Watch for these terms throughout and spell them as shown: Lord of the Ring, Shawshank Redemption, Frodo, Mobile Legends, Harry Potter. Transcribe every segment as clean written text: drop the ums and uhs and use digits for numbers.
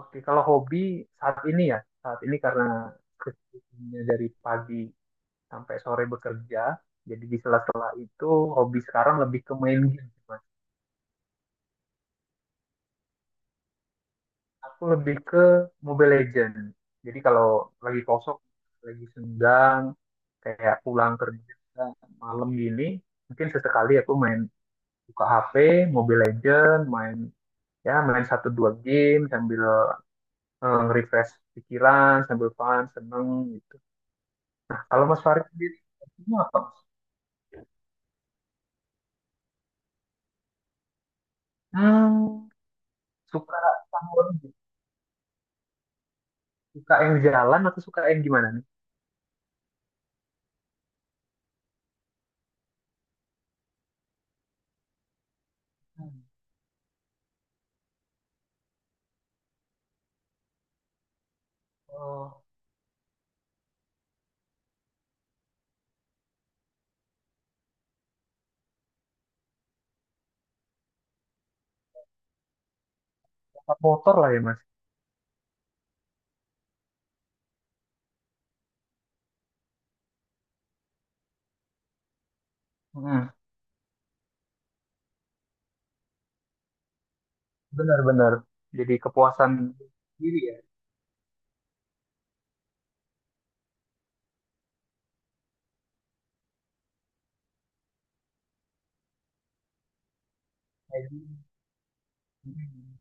Oke, kalau hobi saat ini ya, saat ini karena kesibukannya dari pagi sampai sore bekerja, jadi di sela-sela itu hobi sekarang lebih ke main game, Mas. Aku lebih ke Mobile Legends. Jadi kalau lagi kosong, lagi senggang, kayak pulang kerja malam gini, mungkin sesekali aku main buka HP, Mobile Legends, main satu dua game sambil nge-refresh pikiran, sambil fun, seneng. Nah, kalau Mas Farid sendiri, hobinya apa, Mas? Hmm, suka sama suka yang jalan atau suka yang gimana nih? Hmm. Oh, suka motor lah ya, Mas. Hmm, benar-benar. Jadi kepuasan diri ya. Kayak gini. Hmm,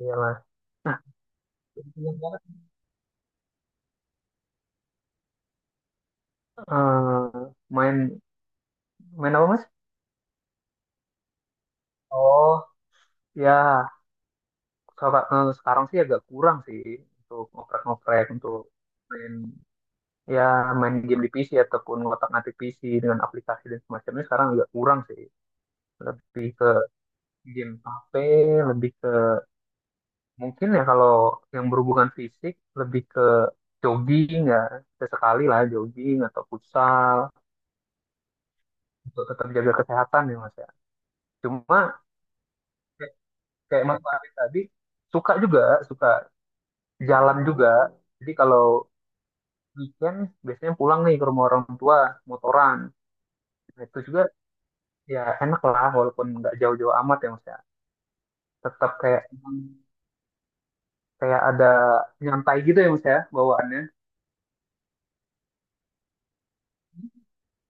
iya Mas. Nah, kebetulan banget, eh, main main apa Mas? Oh, ya. Sekarang sih agak kurang sih untuk ngoprek-ngoprek untuk main ya main game di PC ataupun ngotak-ngatik PC dengan aplikasi dan semacamnya sekarang agak kurang sih, lebih ke game HP, lebih ke mungkin ya kalau yang berhubungan fisik lebih ke jogging ya, sesekali lah jogging atau futsal untuk tetap jaga kesehatan ya mas ya, cuma kayak kayak Mas Farid tadi suka juga, suka jalan juga. Jadi kalau weekend biasanya pulang nih ke rumah orang tua, motoran. Nah, itu juga ya enak lah walaupun nggak jauh-jauh amat ya mas ya, tetap kayak kayak ada nyantai gitu ya mas ya bawaannya,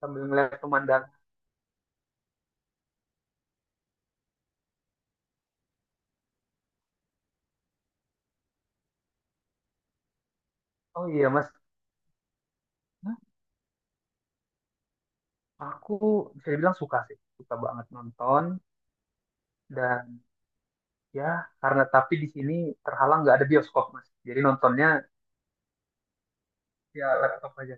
sambil ngeliat pemandangan. Oh iya mas. Hah? Aku bisa dibilang suka sih, suka banget nonton. Dan ya tapi di sini terhalang nggak ada bioskop mas, jadi nontonnya ya laptop aja,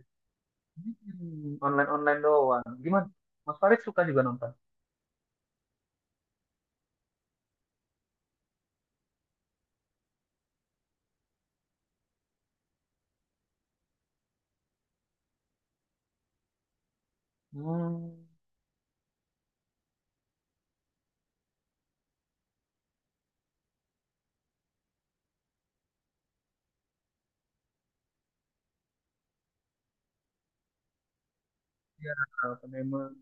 online online doang, gimana mas Farid, suka juga nonton? Hmm, ya memang.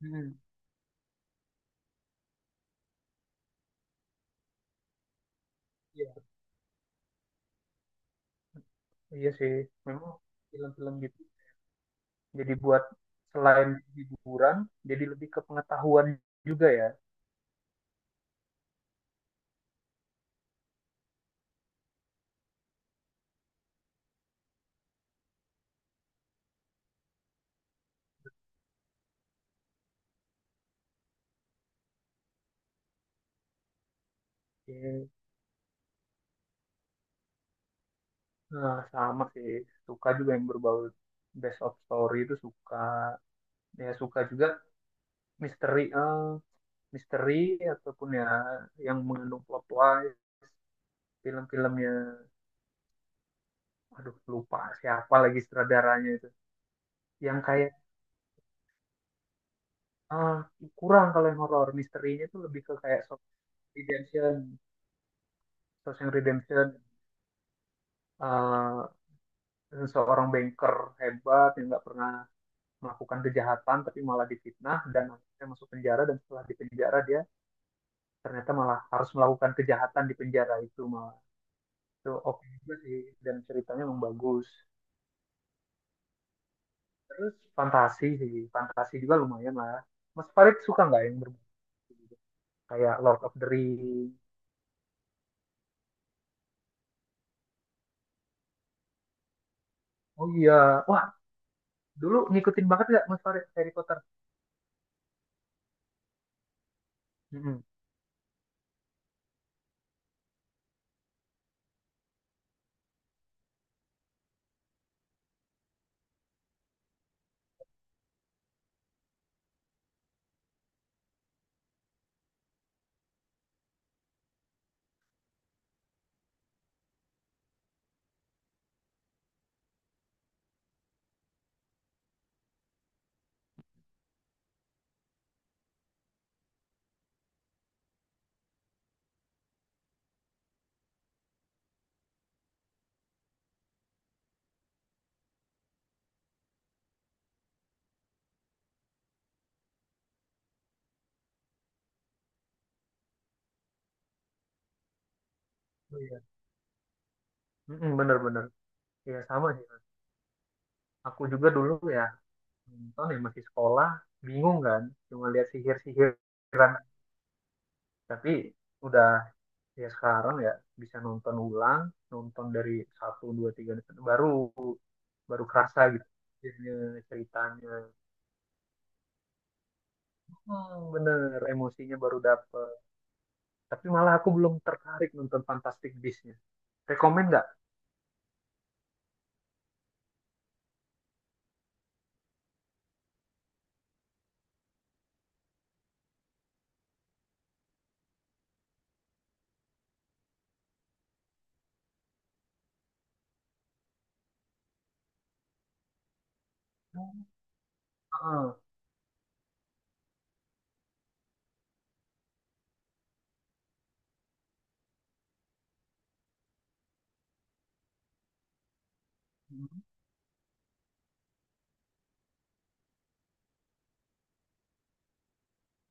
Hmm, iya iya sih, memang film-film gitu. Jadi buat selain hiburan, jadi lebih ke pengetahuan juga ya. Oke. Nah, sama sih, suka juga yang berbau best of story itu suka. Ya suka juga misteri, misteri ataupun ya yang mengandung plot twist. Film-filmnya, aduh lupa siapa lagi sutradaranya itu. Yang kayak ah, kurang kalau yang horor, misterinya itu lebih ke kayak Shawshank Redemption. Shawshank Redemption, eh, seorang banker hebat yang nggak pernah melakukan kejahatan tapi malah difitnah dan akhirnya masuk penjara, dan setelah di penjara dia ternyata malah harus melakukan kejahatan di penjara itu malah, itu oke juga sih, dan ceritanya memang bagus. Terus fantasi sih, fantasi juga lumayan lah. Mas Farid suka nggak yang berbunyi gitu? Kayak Lord of the Ring. Oh iya, wah, dulu ngikutin banget nggak Mas Farid Harry Potter? Mm-mm. Oh iya. Mm-mm, bener-bener. Iya sama sih. Aku juga dulu ya nonton ya masih sekolah, bingung kan, cuma lihat sihir-sihiran. Tapi udah ya sekarang ya bisa nonton ulang, nonton dari satu, dua, tiga, baru baru kerasa gitu. Sihirnya, ceritanya, hmm, bener emosinya baru dapet. Tapi malah aku belum tertarik nonton Fantastic Beasts-nya. Rekomen nggak? Hmm.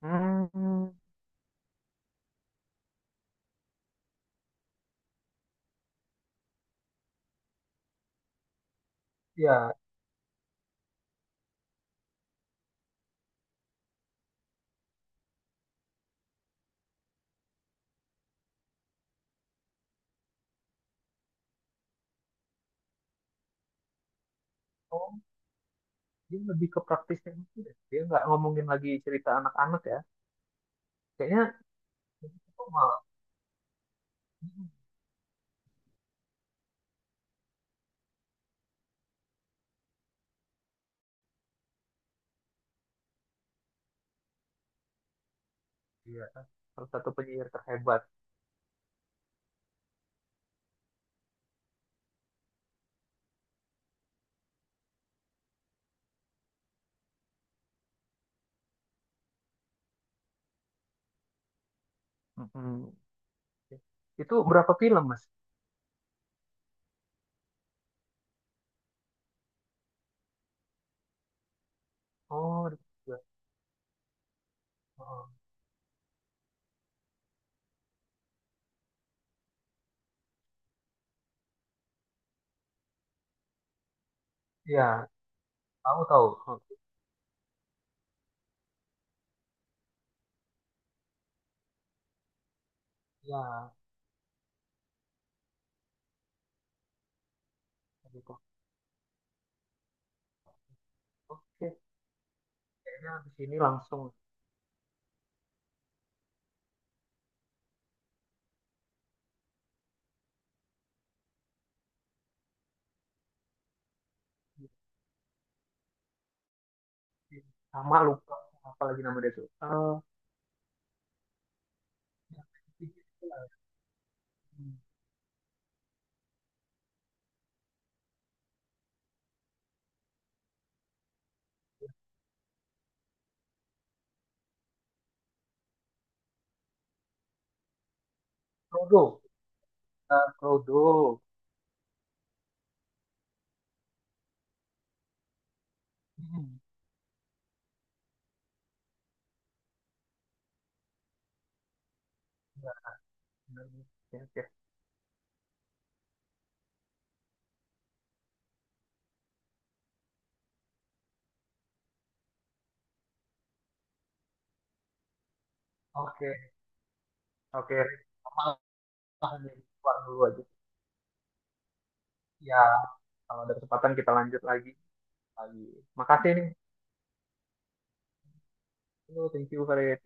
Hmm, ya. Oh, dia lebih ke praktisnya gitu deh. Dia nggak ngomongin lagi cerita anak-anak ya. Kayaknya kok malah, iya, salah satu penyiar terhebat. Mm-mm. Itu berapa film, Mas? Oh, ada tiga. Oh, ya. Tahu tahu. Oh, ya. Ada itu. Oke, kayaknya di sini langsung sama lupa apa lagi nama dia tuh. Hmm. Frodo. Frodo. Hmm. Ya. Benar. Oke, oke. Oke, oke. Sama nih, keluar dulu aja. Ya, kalau ada kesempatan kita lanjut lagi. Lagi. Makasih nih. Oh, thank you, Farid.